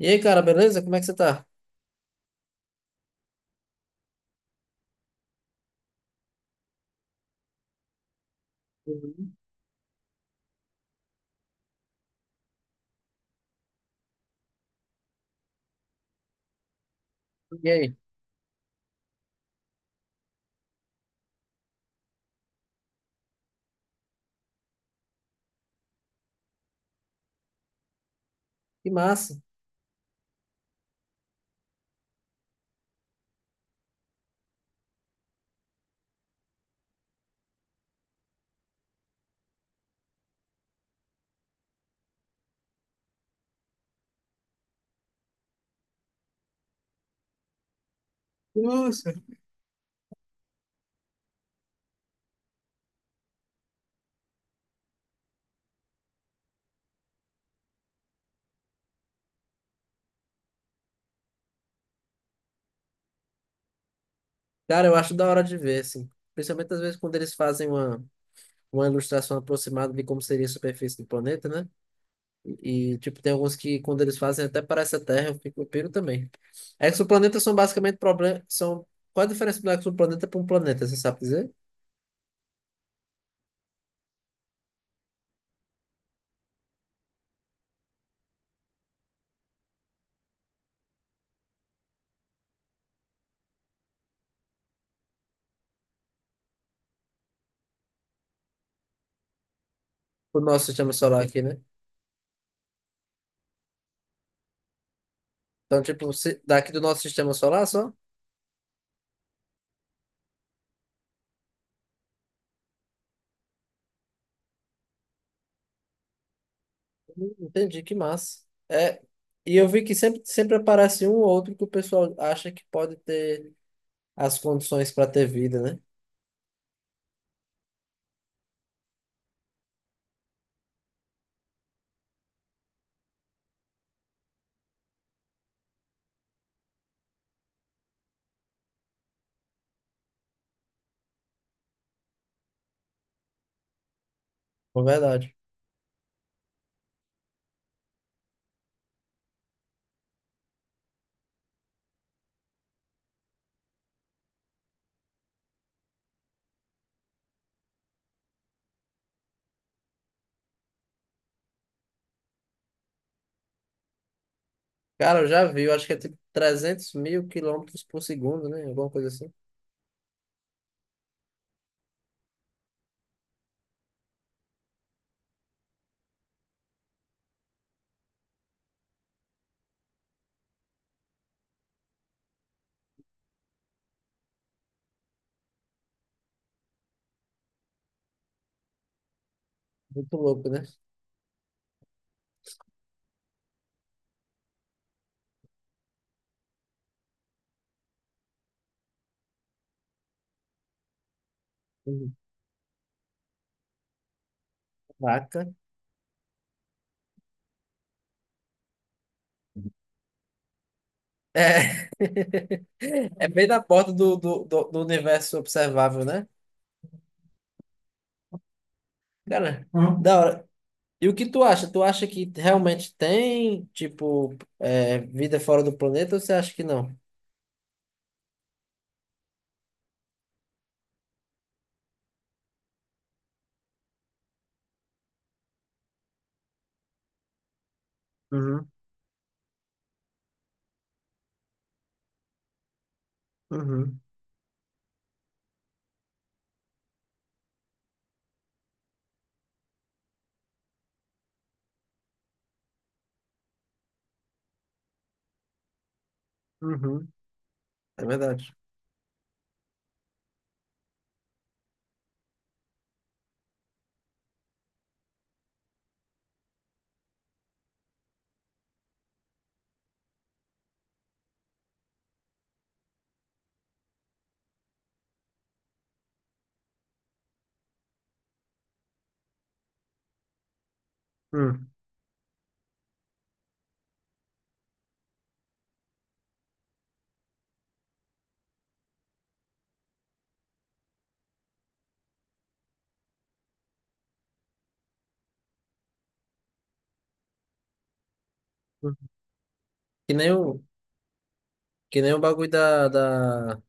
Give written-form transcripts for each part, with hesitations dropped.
E aí, cara, beleza? Como é que você tá? Uhum. E aí? Que massa. Nossa. Cara, eu acho da hora de ver, assim. Principalmente às vezes quando eles fazem uma ilustração aproximada de como seria a superfície do planeta, né? E, tipo, tem alguns que, quando eles fazem, até parece a Terra, eu fico, eu piro também. Exoplanetas são basicamente problemas. São... Qual é a diferença do exoplaneta para um planeta? Você sabe dizer? O nosso sistema solar aqui, né? Então, tipo, daqui do nosso sistema solar só? Entendi, que massa. É, e eu vi que sempre, sempre aparece um ou outro que o pessoal acha que pode ter as condições para ter vida, né? É verdade. Cara, eu já vi, eu acho que é tipo 300 mil quilômetros por segundo, né? Alguma coisa assim. Muito louco, né? Vaca. É. É bem na porta do universo observável, né? Cara, hum, da hora. E o que tu acha? Tu acha que realmente tem, tipo, é, vida fora do planeta ou você acha que não? Uhum, uhum, uhum. É verdade. Hum, hum. Que nem o, que nem o bagulho da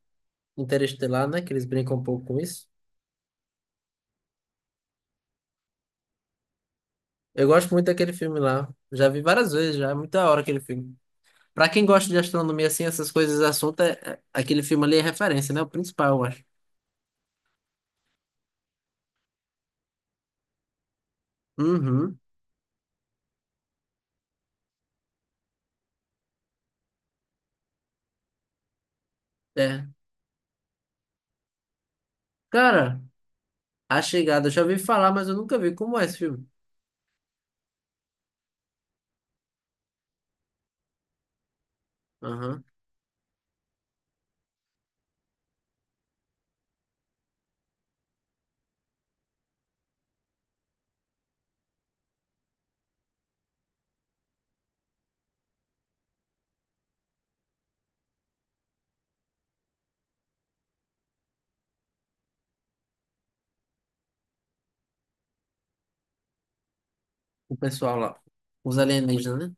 Interestelar, né? Que eles brincam um pouco com isso. Eu gosto muito daquele filme lá. Já vi várias vezes já. É muito da hora aquele filme. Pra quem gosta de astronomia, assim, essas coisas, assunto, aquele filme ali é referência, né? O principal, eu acho. Uhum, é. Cara, A Chegada, eu já ouvi falar, mas eu nunca vi. Como é esse filme? Aham. O pessoal lá. Os alienígenas, né?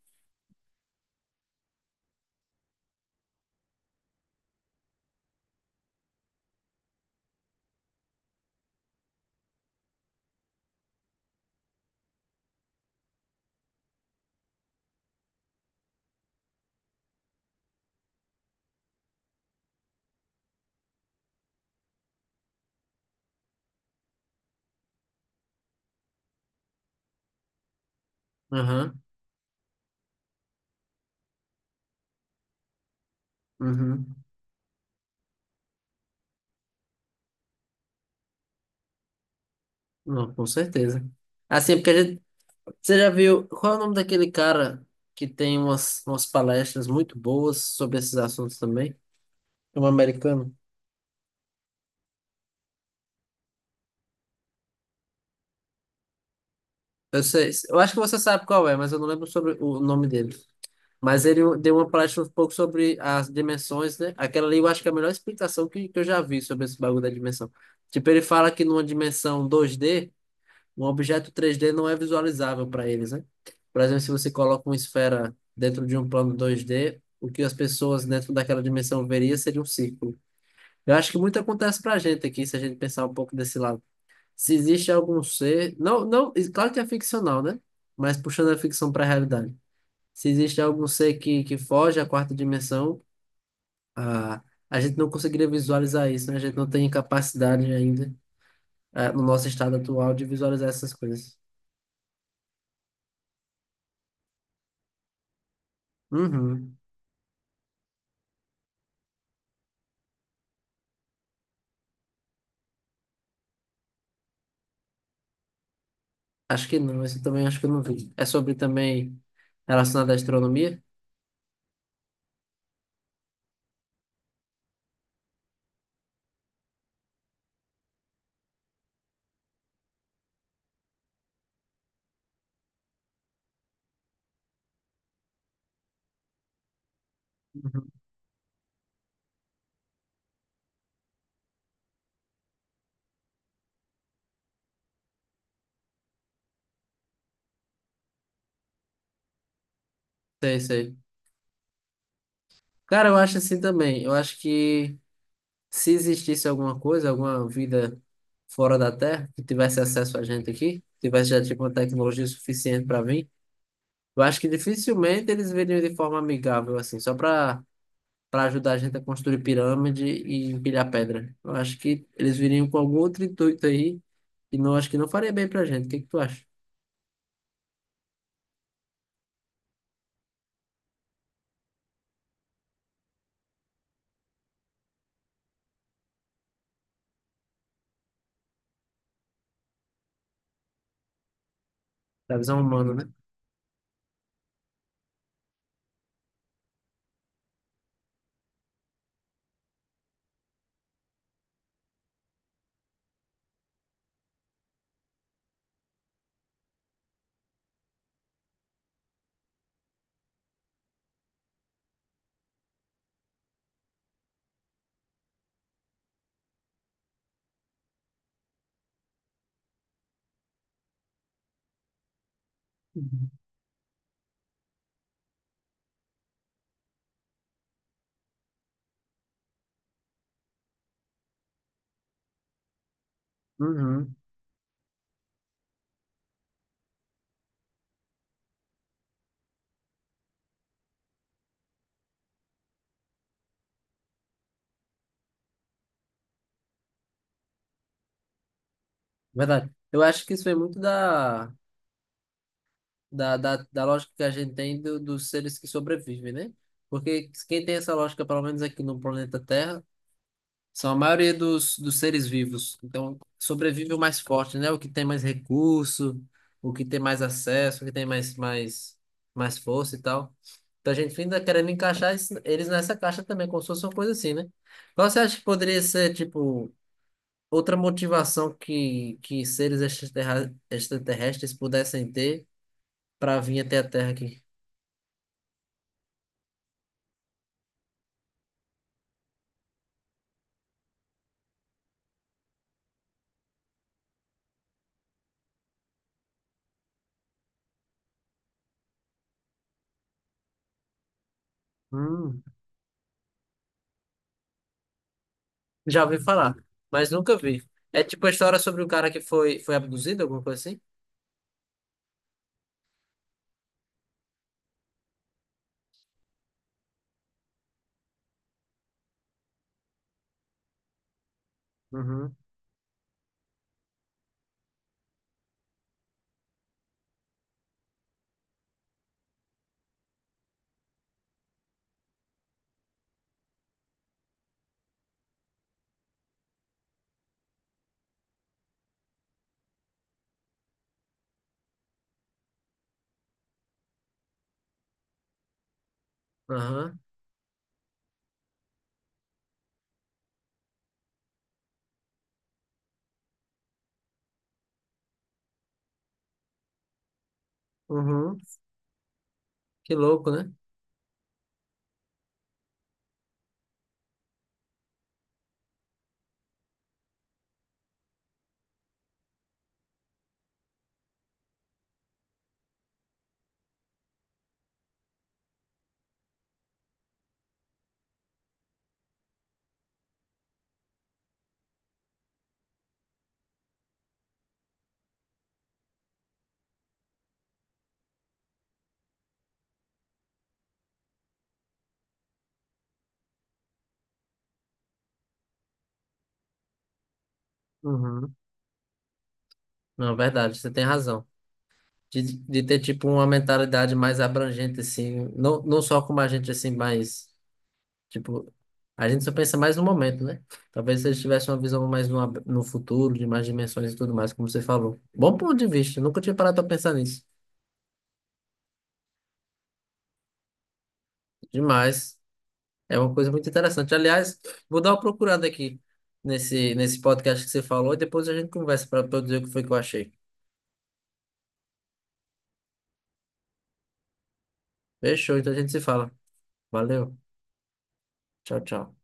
Aham, uhum. Não, com certeza. Assim, porque a gente. Você já viu, qual é o nome daquele cara que tem umas, umas palestras muito boas sobre esses assuntos também? É um americano. Eu sei, eu acho que você sabe qual é, mas eu não lembro sobre o nome dele. Mas ele deu uma palestra um pouco sobre as dimensões, né? Aquela ali eu acho que é a melhor explicação que eu já vi sobre esse bagulho da dimensão. Tipo, ele fala que numa dimensão 2D, um objeto três d não é visualizável para eles, né? Por exemplo, se você coloca uma esfera dentro de um plano dois d, o que as pessoas dentro daquela dimensão veria seria um círculo. Eu acho que muito acontece para a gente aqui, se a gente pensar um pouco desse lado. Se existe algum ser, não, não, claro que é ficcional, né? Mas puxando a ficção para a realidade. Se existe algum ser que foge à quarta dimensão, a, a gente não conseguiria visualizar isso, né? A gente não tem capacidade ainda, no nosso estado atual de visualizar essas coisas. Uhum. Acho que não, esse eu também acho que eu não vi. É sobre também relacionado à astronomia? Uhum. Sei, sei. Cara, eu acho assim também. Eu acho que se existisse alguma coisa, alguma vida fora da Terra, que tivesse acesso a gente aqui, tivesse já tipo uma tecnologia suficiente para vir, eu acho que dificilmente eles viriam de forma amigável, assim, só para para ajudar a gente a construir pirâmide e empilhar pedra. Eu acho que eles viriam com algum outro intuito aí, e não acho que não faria bem pra gente. O que que tu acha? Da visão humana, né? Uhum. Uhum. Verdade. Eu acho que isso vem muito da lógica que a gente tem dos seres que sobrevivem, né? Porque quem tem essa lógica, pelo menos aqui no planeta Terra, são a maioria dos, dos seres vivos. Então, sobrevive o mais forte, né? O que tem mais recurso, o que tem mais acesso, o que tem mais, mais, mais força e tal. Então, a gente ainda querendo encaixar eles nessa caixa também, como se fosse uma coisa assim, né? Qual você acha que poderia ser, tipo. Outra motivação que seres extraterrestres pudessem ter para vir até a Terra aqui. Hum, já ouvi falar, mas nunca vi. É tipo a história sobre o cara que foi, foi abduzido, alguma coisa assim? Uhum. Aham. Uhum. Que louco, né? Uhum. Não, é verdade, você tem razão. De ter tipo uma mentalidade mais abrangente, assim, não, não só como a gente, assim, mais. Tipo, a gente só pensa mais no momento, né? Talvez se eles tivessem uma visão mais no, no futuro, de mais dimensões e tudo mais, como você falou. Bom ponto de vista, nunca tinha parado pra pensar nisso. Demais. É uma coisa muito interessante. Aliás, vou dar uma procurada aqui nesse, nesse podcast que você falou e depois a gente conversa para dizer o que foi que eu achei. Fechou, então a gente se fala. Valeu. Tchau, tchau.